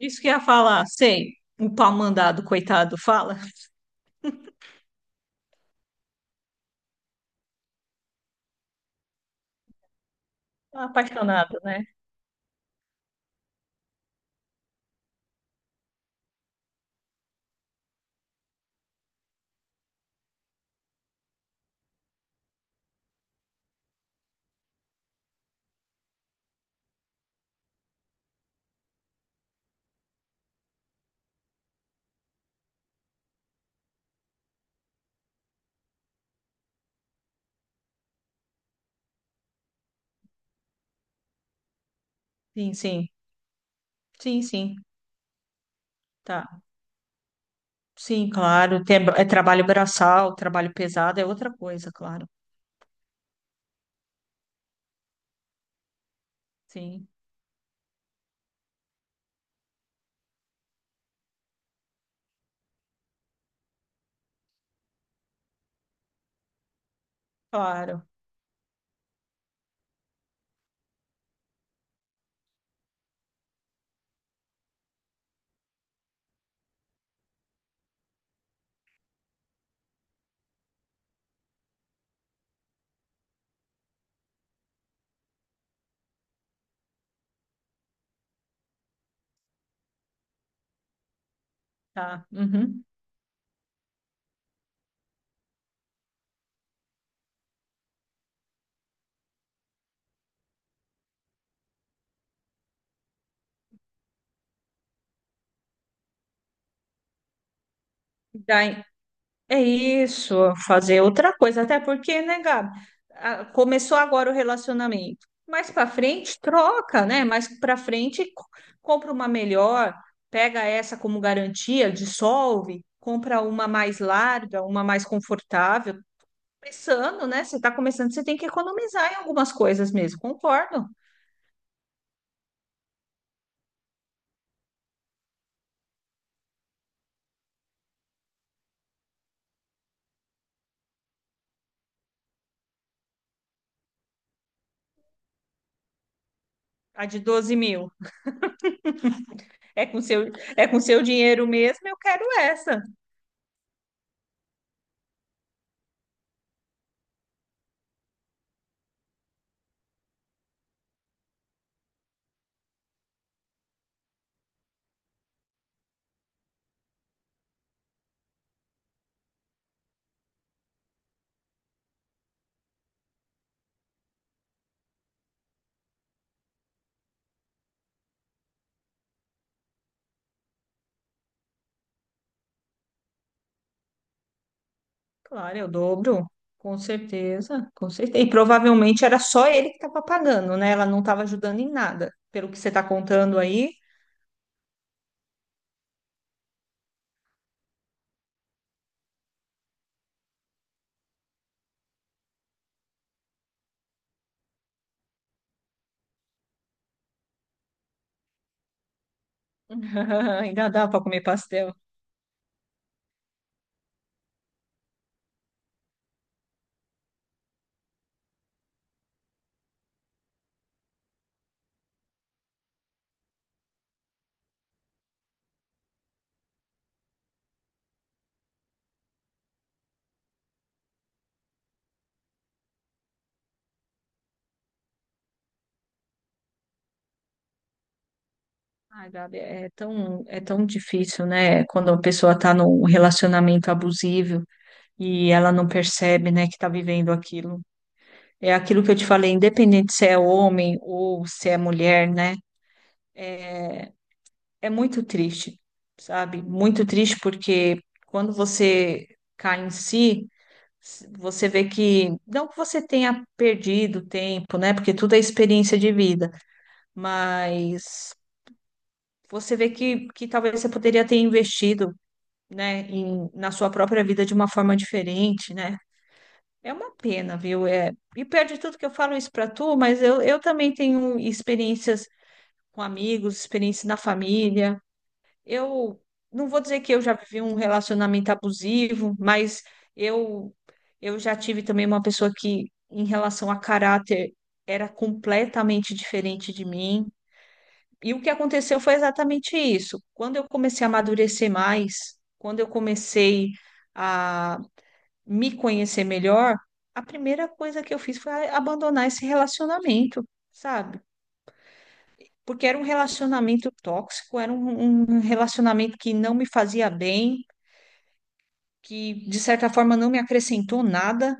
Isso que ia falar, sei. O pau mandado, coitado, fala. Tá apaixonado, né? Sim, sim. Sim, sim. Tá. Sim, claro. Tem, é trabalho braçal, trabalho pesado, é outra coisa, claro. Sim, claro. Tá. Uhum. Dá, é isso, fazer outra coisa, até porque, né, Gabi, começou agora o relacionamento. Mais para frente, troca, né? Mais para frente, compra uma melhor, pega essa como garantia, dissolve, compra uma mais larga, uma mais confortável. Começando, né? Você está começando, você tem que economizar em algumas coisas mesmo, concordo. A de 12 mil é com seu, é com seu dinheiro mesmo, eu quero essa. Claro, é o dobro, com certeza, com certeza. E provavelmente era só ele que estava pagando, né? Ela não estava ajudando em nada, pelo que você está contando aí. Ainda dá para comer pastel. Ai, Gabi, é tão difícil, né? Quando a pessoa está num relacionamento abusivo e ela não percebe, né, que está vivendo aquilo. É aquilo que eu te falei, independente se é homem ou se é mulher, né? É, é muito triste, sabe? Muito triste porque quando você cai em si, você vê que, não que você tenha perdido tempo, né? Porque tudo é experiência de vida, mas você vê que talvez você poderia ter investido, né, em, na sua própria vida de uma forma diferente, né? É uma pena, viu? É, e pior de tudo que eu falo isso para tu, mas eu também tenho experiências com amigos, experiências na família. Eu não vou dizer que eu já vivi um relacionamento abusivo, mas eu, eu já tive também uma pessoa que, em relação a caráter, era completamente diferente de mim. E o que aconteceu foi exatamente isso. Quando eu comecei a amadurecer mais, quando eu comecei me conhecer melhor, a primeira coisa que eu fiz foi abandonar esse relacionamento, sabe? Porque era um relacionamento tóxico, era um relacionamento que não me fazia bem, que de certa forma não me acrescentou nada,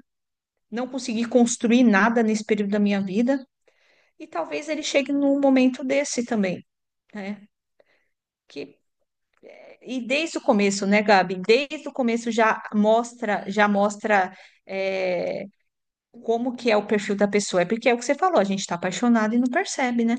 não consegui construir nada nesse período da minha vida, e talvez ele chegue num momento desse também, né? Que, e desde o começo, né, Gabi? Desde o começo já mostra eh, como que é o perfil da pessoa. É porque é o que você falou, a gente está apaixonado e não percebe, né?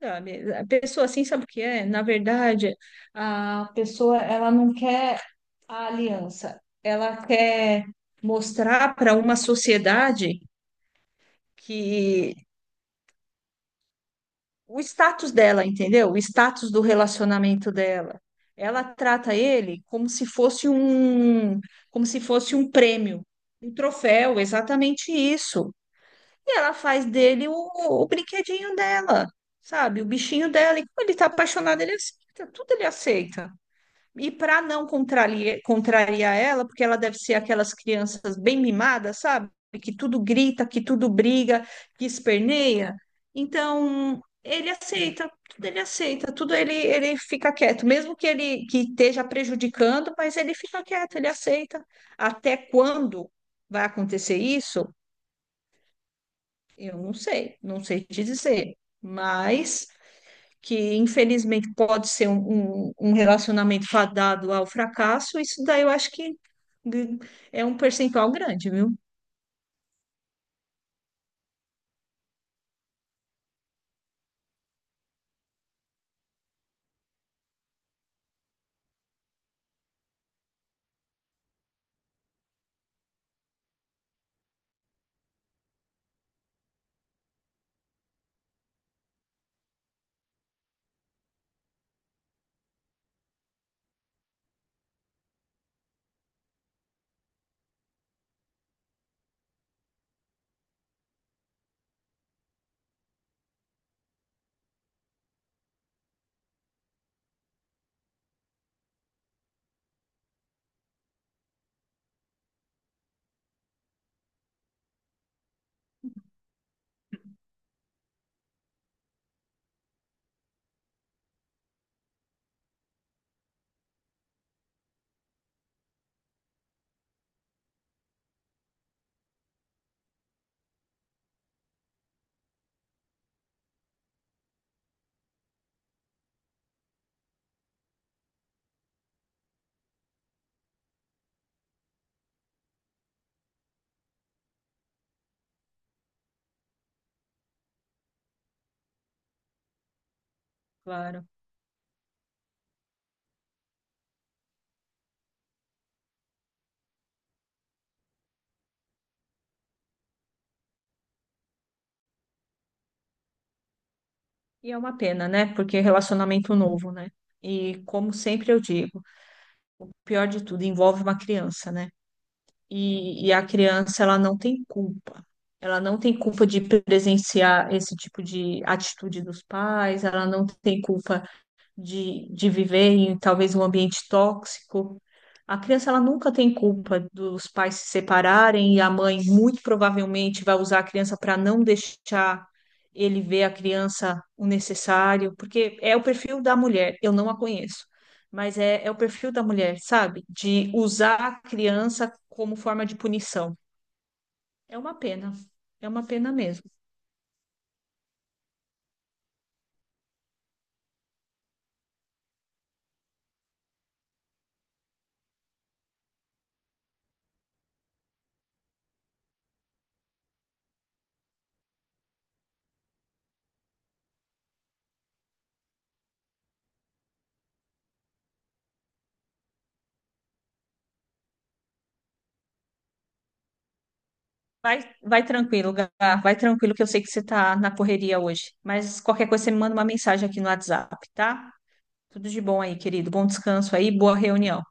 Sabe, a pessoa assim, sabe o que é? Na verdade, a pessoa, ela não quer a aliança, ela quer mostrar para uma sociedade que o status dela, entendeu? O status do relacionamento dela. Ela trata ele como se fosse como se fosse um prêmio, um troféu, exatamente isso. E ela faz dele o brinquedinho dela, sabe? O bichinho dela. E como ele tá apaixonado, ele aceita, tudo ele aceita. E para não contrariar, contrariar ela, porque ela deve ser aquelas crianças bem mimadas, sabe? Que tudo grita, que tudo briga, que esperneia. Então, ele aceita, tudo ele aceita, tudo ele, ele fica quieto, mesmo que ele que esteja prejudicando, mas ele fica quieto, ele aceita. Até quando vai acontecer isso? Eu não sei, não sei te dizer, mas que infelizmente pode ser um relacionamento fadado ao fracasso, isso daí eu acho que g- é um percentual grande, viu? Claro. E é uma pena, né? Porque é relacionamento novo, né? E como sempre eu digo, o pior de tudo envolve uma criança, né? E a criança, ela não tem culpa. Ela não tem culpa de presenciar esse tipo de atitude dos pais, ela não tem culpa de viver em talvez um ambiente tóxico. A criança ela nunca tem culpa dos pais se separarem e a mãe muito provavelmente vai usar a criança para não deixar ele ver a criança o necessário, porque é o perfil da mulher, eu não a conheço, mas é, é o perfil da mulher, sabe? De usar a criança como forma de punição. É uma pena, é uma pena mesmo. Vai, vai tranquilo, Gá. Vai tranquilo que eu sei que você tá na correria hoje. Mas qualquer coisa você me manda uma mensagem aqui no WhatsApp, tá? Tudo de bom aí, querido. Bom descanso aí, boa reunião.